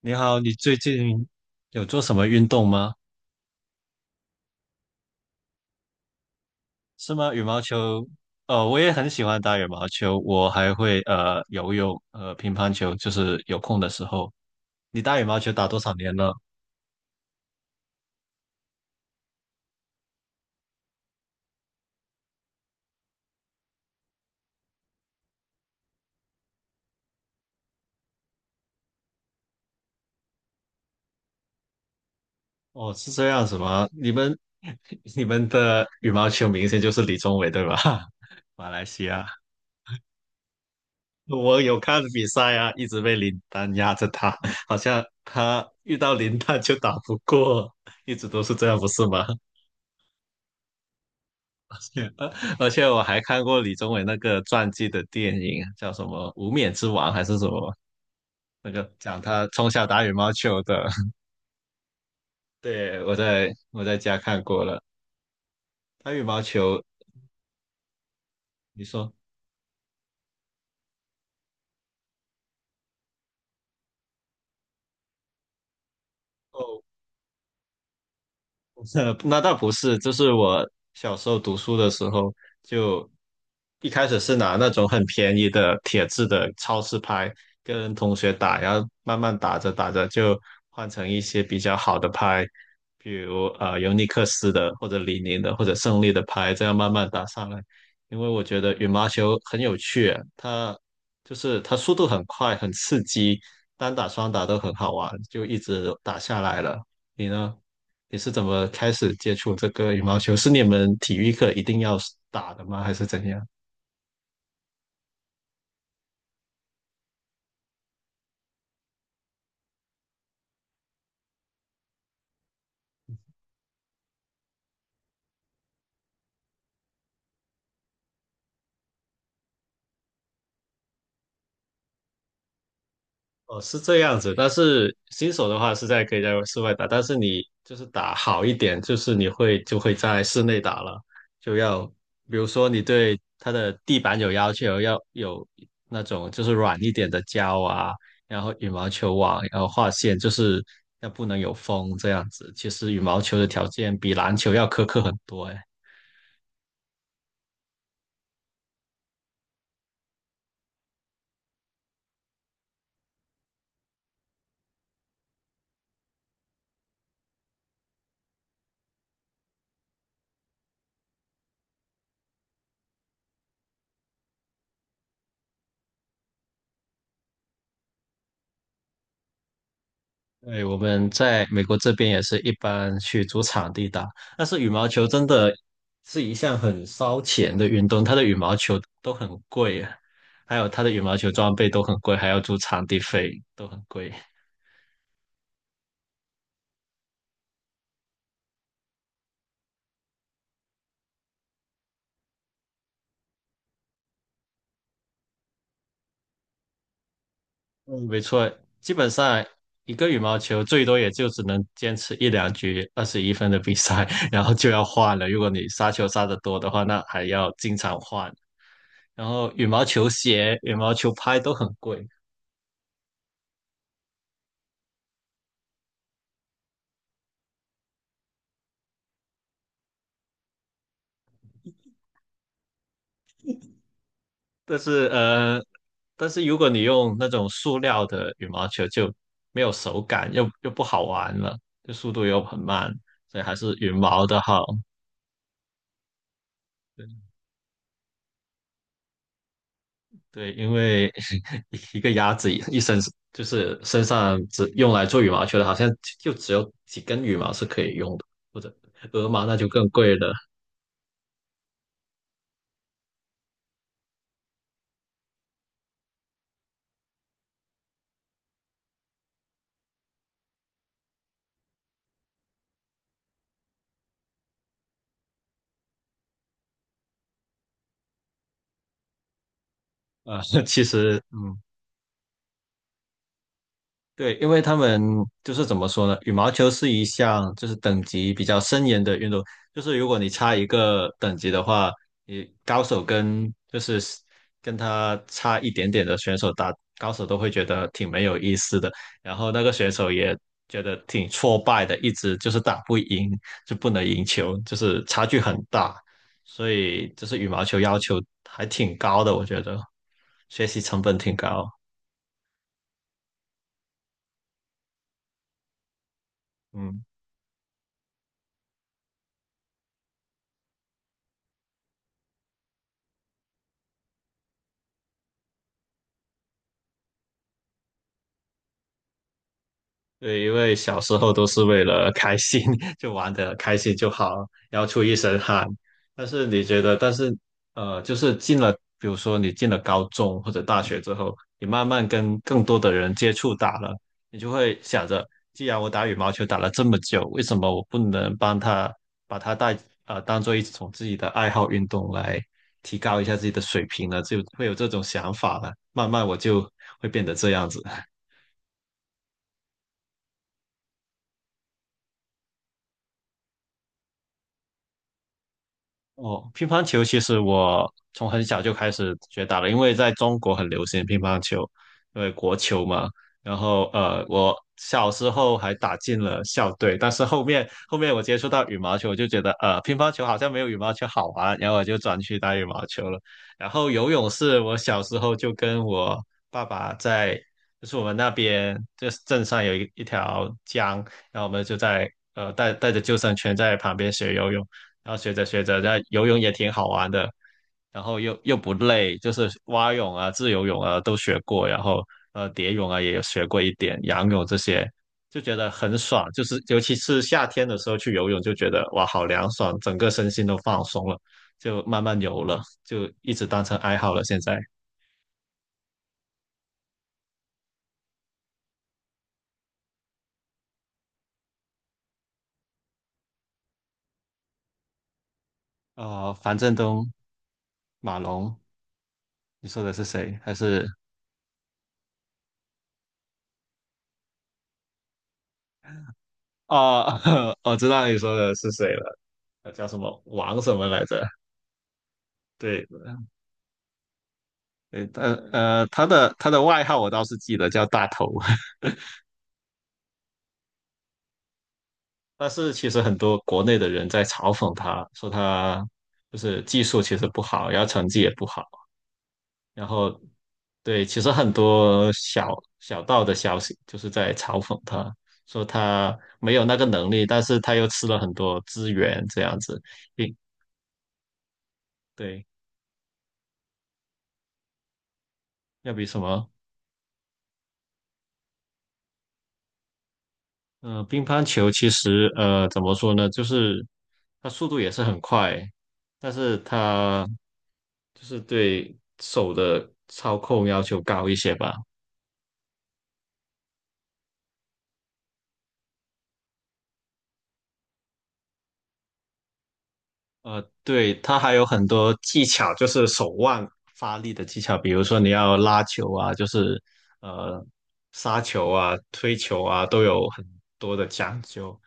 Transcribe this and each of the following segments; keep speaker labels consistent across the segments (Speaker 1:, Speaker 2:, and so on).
Speaker 1: 你好，你最近有做什么运动吗？是吗？羽毛球，我也很喜欢打羽毛球，我还会游泳，乒乓球，就是有空的时候。你打羽毛球打多少年了？哦，是这样子吗？你们 你们的羽毛球明星就是李宗伟对吧？马来西亚，我有看比赛啊，一直被林丹压着打，好像他遇到林丹就打不过，一直都是这样，不是吗？而且我还看过李宗伟那个传记的电影，叫什么《无冕之王》还是什么？那个讲他从小打羽毛球的。对，我在家看过了，打羽毛球，你说？哦。那倒不是，就是我小时候读书的时候，就一开始是拿那种很便宜的铁质的超市拍跟同学打，然后慢慢打着打着就换成一些比较好的拍，比如尤尼克斯的或者李宁的或者胜利的拍，这样慢慢打上来。因为我觉得羽毛球很有趣，它就是它速度很快，很刺激，单打双打都很好玩，就一直打下来了。你呢？你是怎么开始接触这个羽毛球？是你们体育课一定要打的吗？还是怎样？哦，是这样子，但是新手的话是在可以在室外打，但是你就是打好一点，就是你就会在室内打了，就要比如说你对它的地板有要求，要有那种就是软一点的胶啊，然后羽毛球网，然后画线，就是要不能有风这样子。其实羽毛球的条件比篮球要苛刻很多，诶。对，我们在美国这边也是一般去租场地打，但是羽毛球真的是一项很烧钱的运动，它的羽毛球还有它的羽毛球装备都很贵，还要租场地费都很贵。嗯，没错，基本上一个羽毛球最多也就只能坚持一两局二十一分的比赛，然后就要换了。如果你杀球杀得多的话，那还要经常换。然后羽毛球鞋、羽毛球拍都很贵，但是但是如果你用那种塑料的羽毛球，就没有手感，又不好玩了，就速度又很慢，所以还是羽毛的好。对，因为 一个鸭子一身就是身上只用来做羽毛球的，好像就只有几根羽毛是可以用的，或者鹅毛那就更贵了。啊、其实嗯。对，因为他们就是怎么说呢？羽毛球是一项就是等级比较森严的运动，就是如果你差一个等级的话，你高手跟就是跟他差一点点的选手打，高手都会觉得挺没有意思的，然后那个选手也觉得挺挫败的，一直就是打不赢，就不能赢球，就是差距很大，所以就是羽毛球要求还挺高的，我觉得学习成本挺高，嗯。对，因为小时候都是为了开心，就玩的开心就好，然后出一身汗。但是你觉得，但是就是进了，比如说你进了高中或者大学之后，你慢慢跟更多的人接触打了，你就会想着，既然我打羽毛球打了这么久，为什么我不能帮他把他带当做一种自己的爱好运动来提高一下自己的水平呢？就会有这种想法了。慢慢我就会变得这样子。哦，乒乓球其实我从很小就开始学打了，因为在中国很流行乒乓球，因为国球嘛。然后我小时候还打进了校队，但是后面我接触到羽毛球，我就觉得乒乓球好像没有羽毛球好玩，然后我就转去打羽毛球了。然后游泳是我小时候就跟我爸爸在，就是我们那边就是镇上有一条江，然后我们就在带着救生圈在旁边学游泳。然后学着学着，那游泳也挺好玩的，然后又不累，就是蛙泳啊、自由泳啊都学过，然后蝶泳啊也有学过一点，仰泳这些就觉得很爽，就是尤其是夏天的时候去游泳，就觉得哇好凉爽，整个身心都放松了，就慢慢游了，就一直当成爱好了。现在樊振东、马龙，你说的是谁？还是哦，我知道你说的是谁了，他叫什么王什么来着？对，对，他的外号我倒是记得叫大头，但是其实很多国内的人在嘲讽他，说他就是技术其实不好，然后成绩也不好，然后对，其实很多小道的消息就是在嘲讽他，说他没有那个能力，但是他又吃了很多资源，这样子，并对，要比什么嗯，乒乓球其实怎么说呢，就是它速度也是很快，但是它就是对手的操控要求高一些吧。呃，对，它还有很多技巧，就是手腕发力的技巧，比如说你要拉球啊，就是呃杀球啊、推球啊，都有很多的讲究。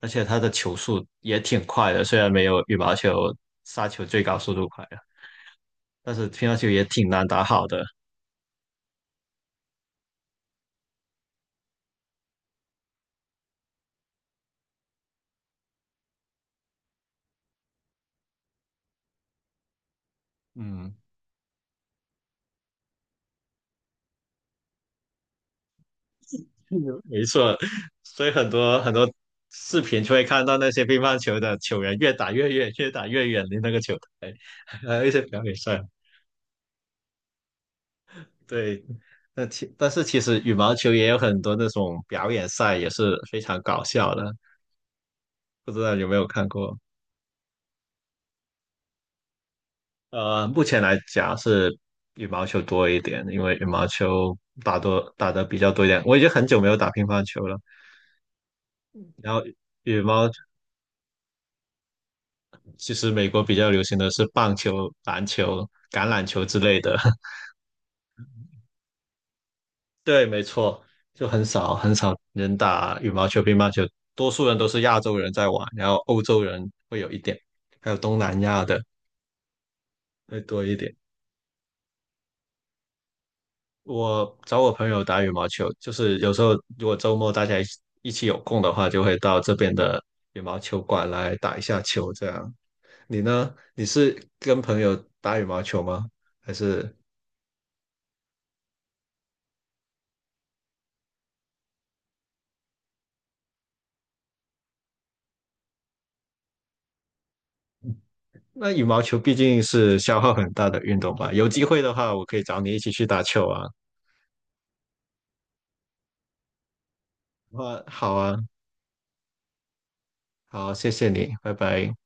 Speaker 1: 而且它的球速也挺快的，虽然没有羽毛球杀球最高速度快啊。但是乒乓球也挺难打好的。嗯，没错，所以很多视频就会看到那些乒乓球的球员越打越远，越打越远离那个球台，还有一些表演赛。对，那其但是其实羽毛球也有很多那种表演赛，也是非常搞笑的，不知道有没有看过？呃，目前来讲是羽毛球多一点，因为羽毛球打的比较多一点。我已经很久没有打乒乓球了，然后羽毛其实美国比较流行的是棒球、篮球、橄榄球之类的。对，没错，就很少人打羽毛球、乒乓球，多数人都是亚洲人在玩，然后欧洲人会有一点，还有东南亚的会多一点。我找我朋友打羽毛球，就是有时候如果周末大家一起有空的话，就会到这边的羽毛球馆来打一下球，这样。你呢？你是跟朋友打羽毛球吗？还是？那羽毛球毕竟是消耗很大的运动吧，有机会的话，我可以找你一起去打球啊。哇，好啊，好，谢谢你，拜拜。